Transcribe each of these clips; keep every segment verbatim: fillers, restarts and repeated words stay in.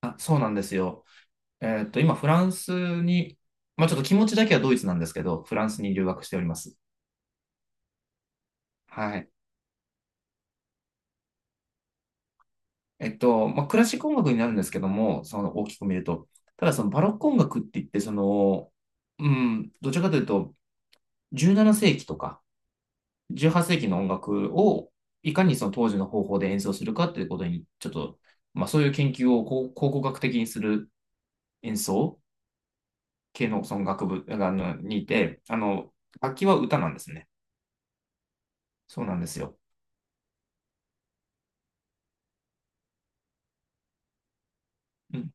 あ、そうなんですよ。えーっと、今、フランスに、まあ、ちょっと気持ちだけはドイツなんですけど、フランスに留学しております。はい。えっと、まあ、クラシック音楽になるんですけども、その大きく見ると。ただ、そのバロック音楽って言って、その、うん、どちらかというと、じゅうなな世紀とかじゅうはっ世紀の音楽を、いかにその当時の方法で演奏するかということに、ちょっと、まあ、そういう研究を考考古学的にする演奏系のその学部あのにいて、あの、楽器は歌なんですね。そうなんですよ。うん。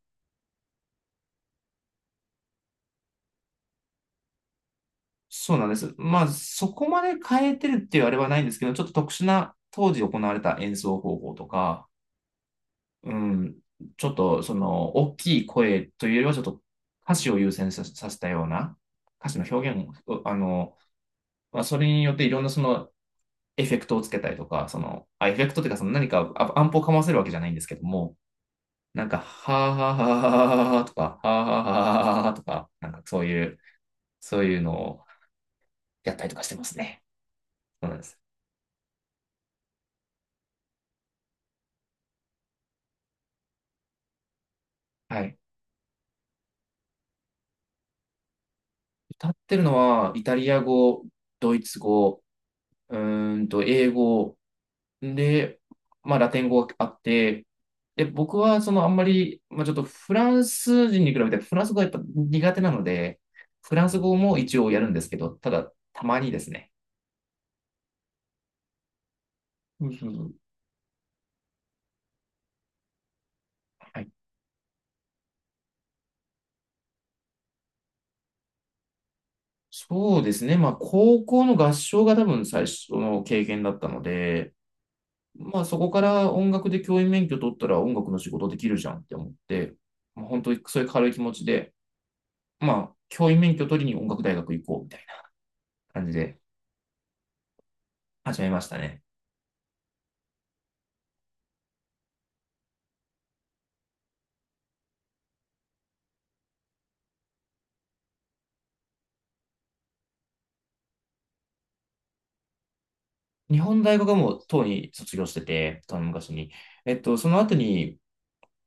そうなんです。まあ、そこまで変えてるっていうあれはないんですけど、ちょっと特殊な当時行われた演奏方法とか、うん、ちょっとその大きい声というよりはちょっと歌詞を優先ささせたような歌詞の表現を、あの、まあ、それによっていろんなそのエフェクトをつけたりとか、その、あ、エフェクトっていうかその何かあアンプをかませるわけじゃないんですけども、なんか、はあはあはあはあはあとか、はあはあはあはあはあとか、なんかそういう、そういうのをやったりとかしてますね。そうなんです。はい。歌ってるのは、イタリア語、ドイツ語、うーんと、英語、で、まあ、ラテン語があって、で、僕は、その、あんまり、まあ、ちょっとフランス人に比べて、フランス語がやっぱ苦手なので、フランス語も一応やるんですけど、ただ、たまにですね。うんうんうん、はい、そうですね。まあ、高校の合唱が多分最初の経験だったので、まあそこから音楽で教員免許取ったら音楽の仕事できるじゃんって思って、まあ、本当にそういう軽い気持ちで、まあ教員免許取りに音楽大学行こうみたいな感じで始めましたね。日本大学はもうとうに卒業してて、その昔に。えっと、その後に、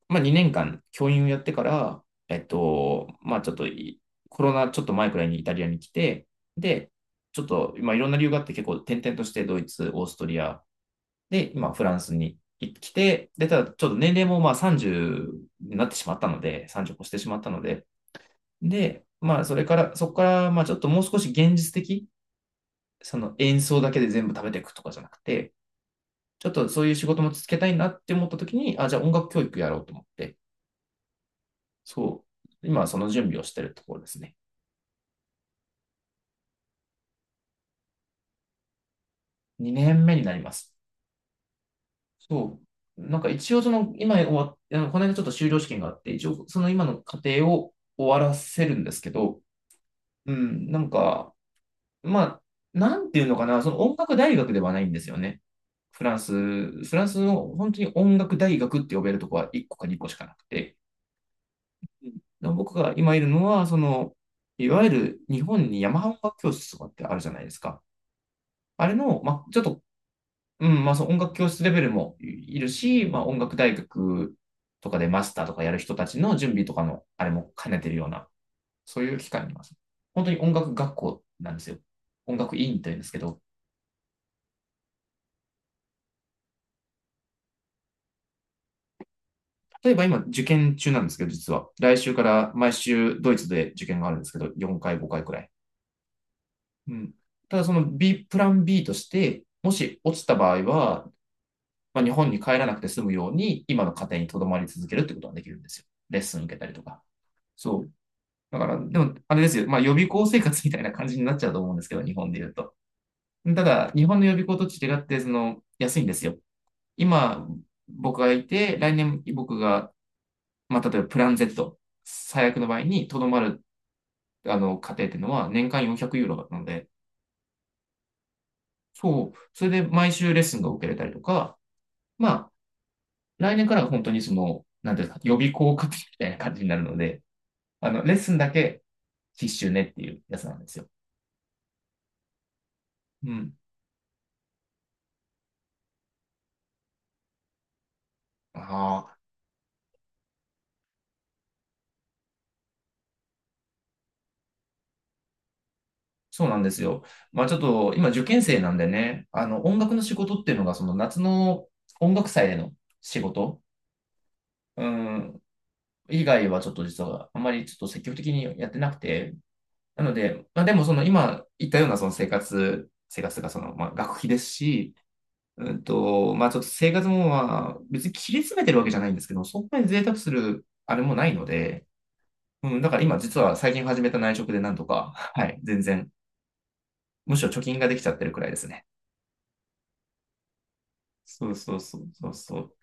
まあにねんかん教員をやってから、えっと、まあちょっといコロナちょっと前くらいにイタリアに来て、で、ちょっと、まあいろんな理由があって結構転々としてドイツ、オーストリア、で、今、フランスに来て、で、ただ、ちょっと年齢もまあさんじゅうになってしまったので、さんじゅう越してしまったので、で、まあ、それから、そこから、まあ、ちょっともう少し現実的、その演奏だけで全部食べていくとかじゃなくて、ちょっとそういう仕事も続けたいなって思った時に、あ、じゃあ音楽教育やろうと思って、そう、今はその準備をしてるところですね。にねんめになります。そう。なんか一応その、今終わっ、あのこの間ちょっと修了試験があって、一応その今の過程を終わらせるんですけど、うん、なんか、まあ、なんていうのかな、その音楽大学ではないんですよね。フランス、フランスの本当に音楽大学って呼べるとこはいっこかにこしかなくて、うんで僕が今いるのは、その、いわゆる日本に山マハ音楽教室とかってあるじゃないですか。あれの、まあ、ちょっと、うん、まあ、その音楽教室レベルもいるし、まあ、音楽大学とかでマスターとかやる人たちの準備とかの、あれも兼ねてるような、そういう機会にいます。本当に音楽学校なんですよ。音楽院というんですけど、例えば今、受験中なんですけど、実は。来週から毎週ドイツで受験があるんですけど、よんかい、ごかいくらい。うん。ただその B、プラン B として、もし落ちた場合は、まあ、日本に帰らなくて済むように、今の家庭に留まり続けるってことができるんですよ。レッスン受けたりとか。そう。だから、でも、あれですよ。まあ、予備校生活みたいな感じになっちゃうと思うんですけど、日本で言うと。ただ、日本の予備校と違って、その、安いんですよ。今、僕がいて、来年僕がまあ、例えばプラン Z、最悪の場合にとどまる、あの、家庭っていうのは年間よんひゃくユーロだったので、そう、それで毎週レッスンが受けれたりとか、まあ、来年から本当にその、なんていうか、予備校家庭みたいな感じになるので、あの、レッスンだけ必修ねっていうやつなんですよ。うん。ああ、そうなんですよ。まあちょっと、今受験生なんでね、あの、音楽の仕事っていうのが、その夏の音楽祭での仕事、うん、以外はちょっと実はあんまりちょっと積極的にやってなくて、なので、まあでもその今言ったようなその生活、生活がそのまあ学費ですし、うんと、まあちょっと生活もまあ別に切り詰めてるわけじゃないんですけど、そんなに贅沢するあれもないので、うん、だから今実は最近始めた内職でなんとか、はい、全然、むしろ貯金ができちゃってるくらいですね。そうそうそうそうそう。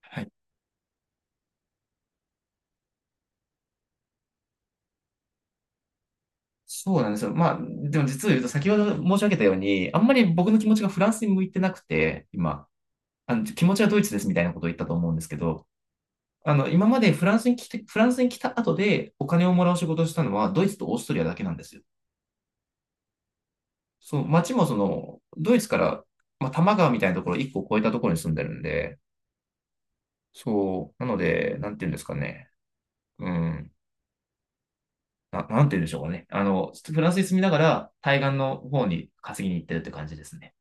はい。そうなんですよ。まあ、でも実を言うと先ほど申し上げたように、あんまり僕の気持ちがフランスに向いてなくて、今、あの気持ちはドイツですみたいなことを言ったと思うんですけど、あの、今までフランスに来て、フランスに来た後でお金をもらう仕事をしたのはドイツとオーストリアだけなんですよ。その街もその、ドイツから、まあ、多摩川みたいなところいっこ越えたところに住んでるんで、そう、なので、なんていうんですかね。うん。な、なんて言うんでしょうかね。あの、フランスに住みながら対岸の方に稼ぎに行ってるって感じですね。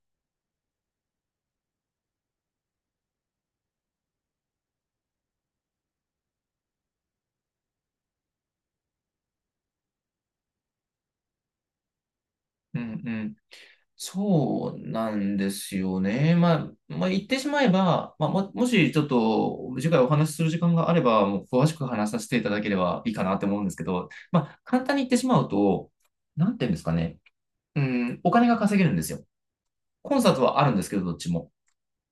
うんうん。そうなんですよね。まあ、まあ、言ってしまえば、まあ、も、もしちょっと次回お話しする時間があれば、もう詳しく話させていただければいいかなって思うんですけど、まあ、簡単に言ってしまうと、なんていうんですかね。うん、お金が稼げるんですよ。コンサートはあるんですけど、どっちも。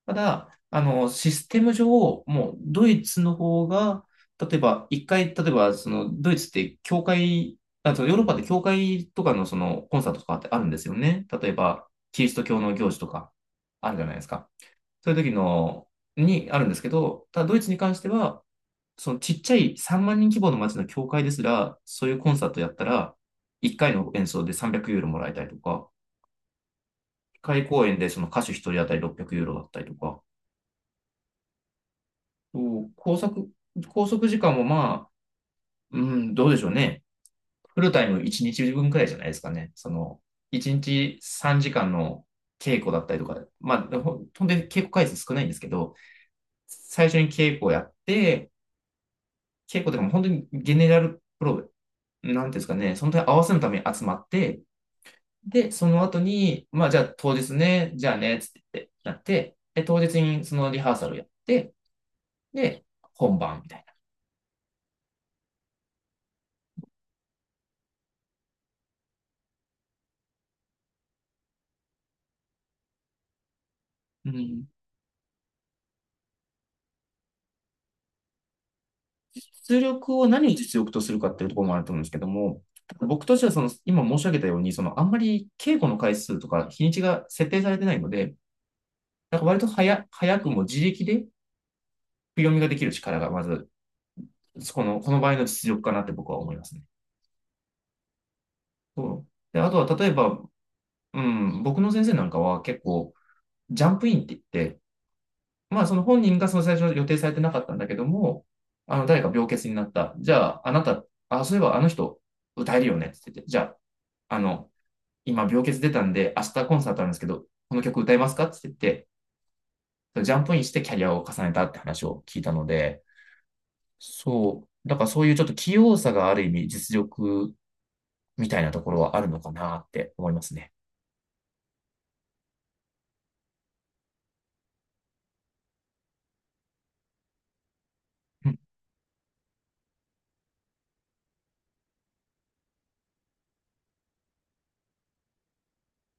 ただ、あの、システム上、もうドイツの方が、例えば、一回、例えば、その、ドイツって、教会、あとヨーロッパで教会とかのそのコンサートとかってあるんですよね。例えば、キリスト教の行事とか、あるじゃないですか。そういう時の、にあるんですけど、ただドイツに関しては、そのちっちゃいさんまん人規模の街の教会ですら、そういうコンサートやったら、いっかいの演奏でさんびゃくユーロもらえたりとか、いっかい公演でその歌手ひとり当たりろっぴゃくユーロだったりとか、そう拘束、拘束時間もまあ、うん、どうでしょうね。フルタイムいちにちぶんくらいじゃないですかね。その、いちにちさんじかんの稽古だったりとか、まあ、ほんとに稽古回数少ないんですけど、最初に稽古をやって、稽古とかも本当にゲネラルプロ、なんていうんですかね、その時合わせのために集まって、で、その後に、まあ、じゃあ当日ね、じゃあね、つって言って、なって、で、当日にそのリハーサルやって、で、本番みたいな。うん、実力を何を実力とするかっていうところもあると思うんですけども、僕としてはその、今申し上げたように、その、あんまり稽古の回数とか日にちが設定されてないので、なんか割と早、早くも自力で振り読みができる力がまず、この、この場合の実力かなって僕は思いますね。そう。で、あとは例えば、うん、僕の先生なんかは結構、ジャンプインって言って、まあその本人がその最初予定されてなかったんだけども、あの、誰か病欠になった。じゃあ、あなた、あ、そういえばあの人歌えるよねって言って、じゃあ、あの、今病欠出たんで、明日コンサートあるんですけど、この曲歌えますかって言って、ジャンプインしてキャリアを重ねたって話を聞いたので、そう、だからそういうちょっと器用さがある意味実力みたいなところはあるのかなって思いますね。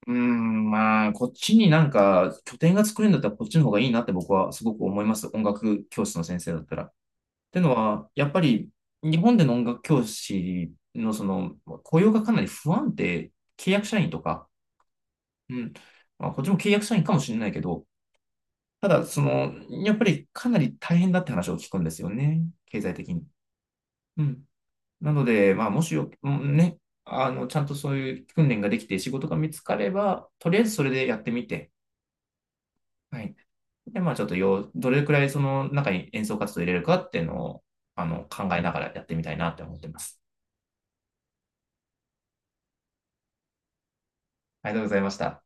うーん、まあ、こっちになんか拠点が作れるんだったらこっちの方がいいなって僕はすごく思います。音楽教室の先生だったら。ってのは、やっぱり日本での音楽教師のその雇用がかなり不安定、契約社員とか、うん。まあ、こっちも契約社員かもしれないけど、ただ、その、やっぱりかなり大変だって話を聞くんですよね。経済的に。うん。なので、まあ、もしよ、うんね、あの、ちゃんとそういう訓練ができて仕事が見つかれば、とりあえずそれでやってみて、はい。で、まあ、ちょっとよ、どれくらいその中に演奏活動を入れるかっていうのを、あの、考えながらやってみたいなって思ってます。ありがとうございました。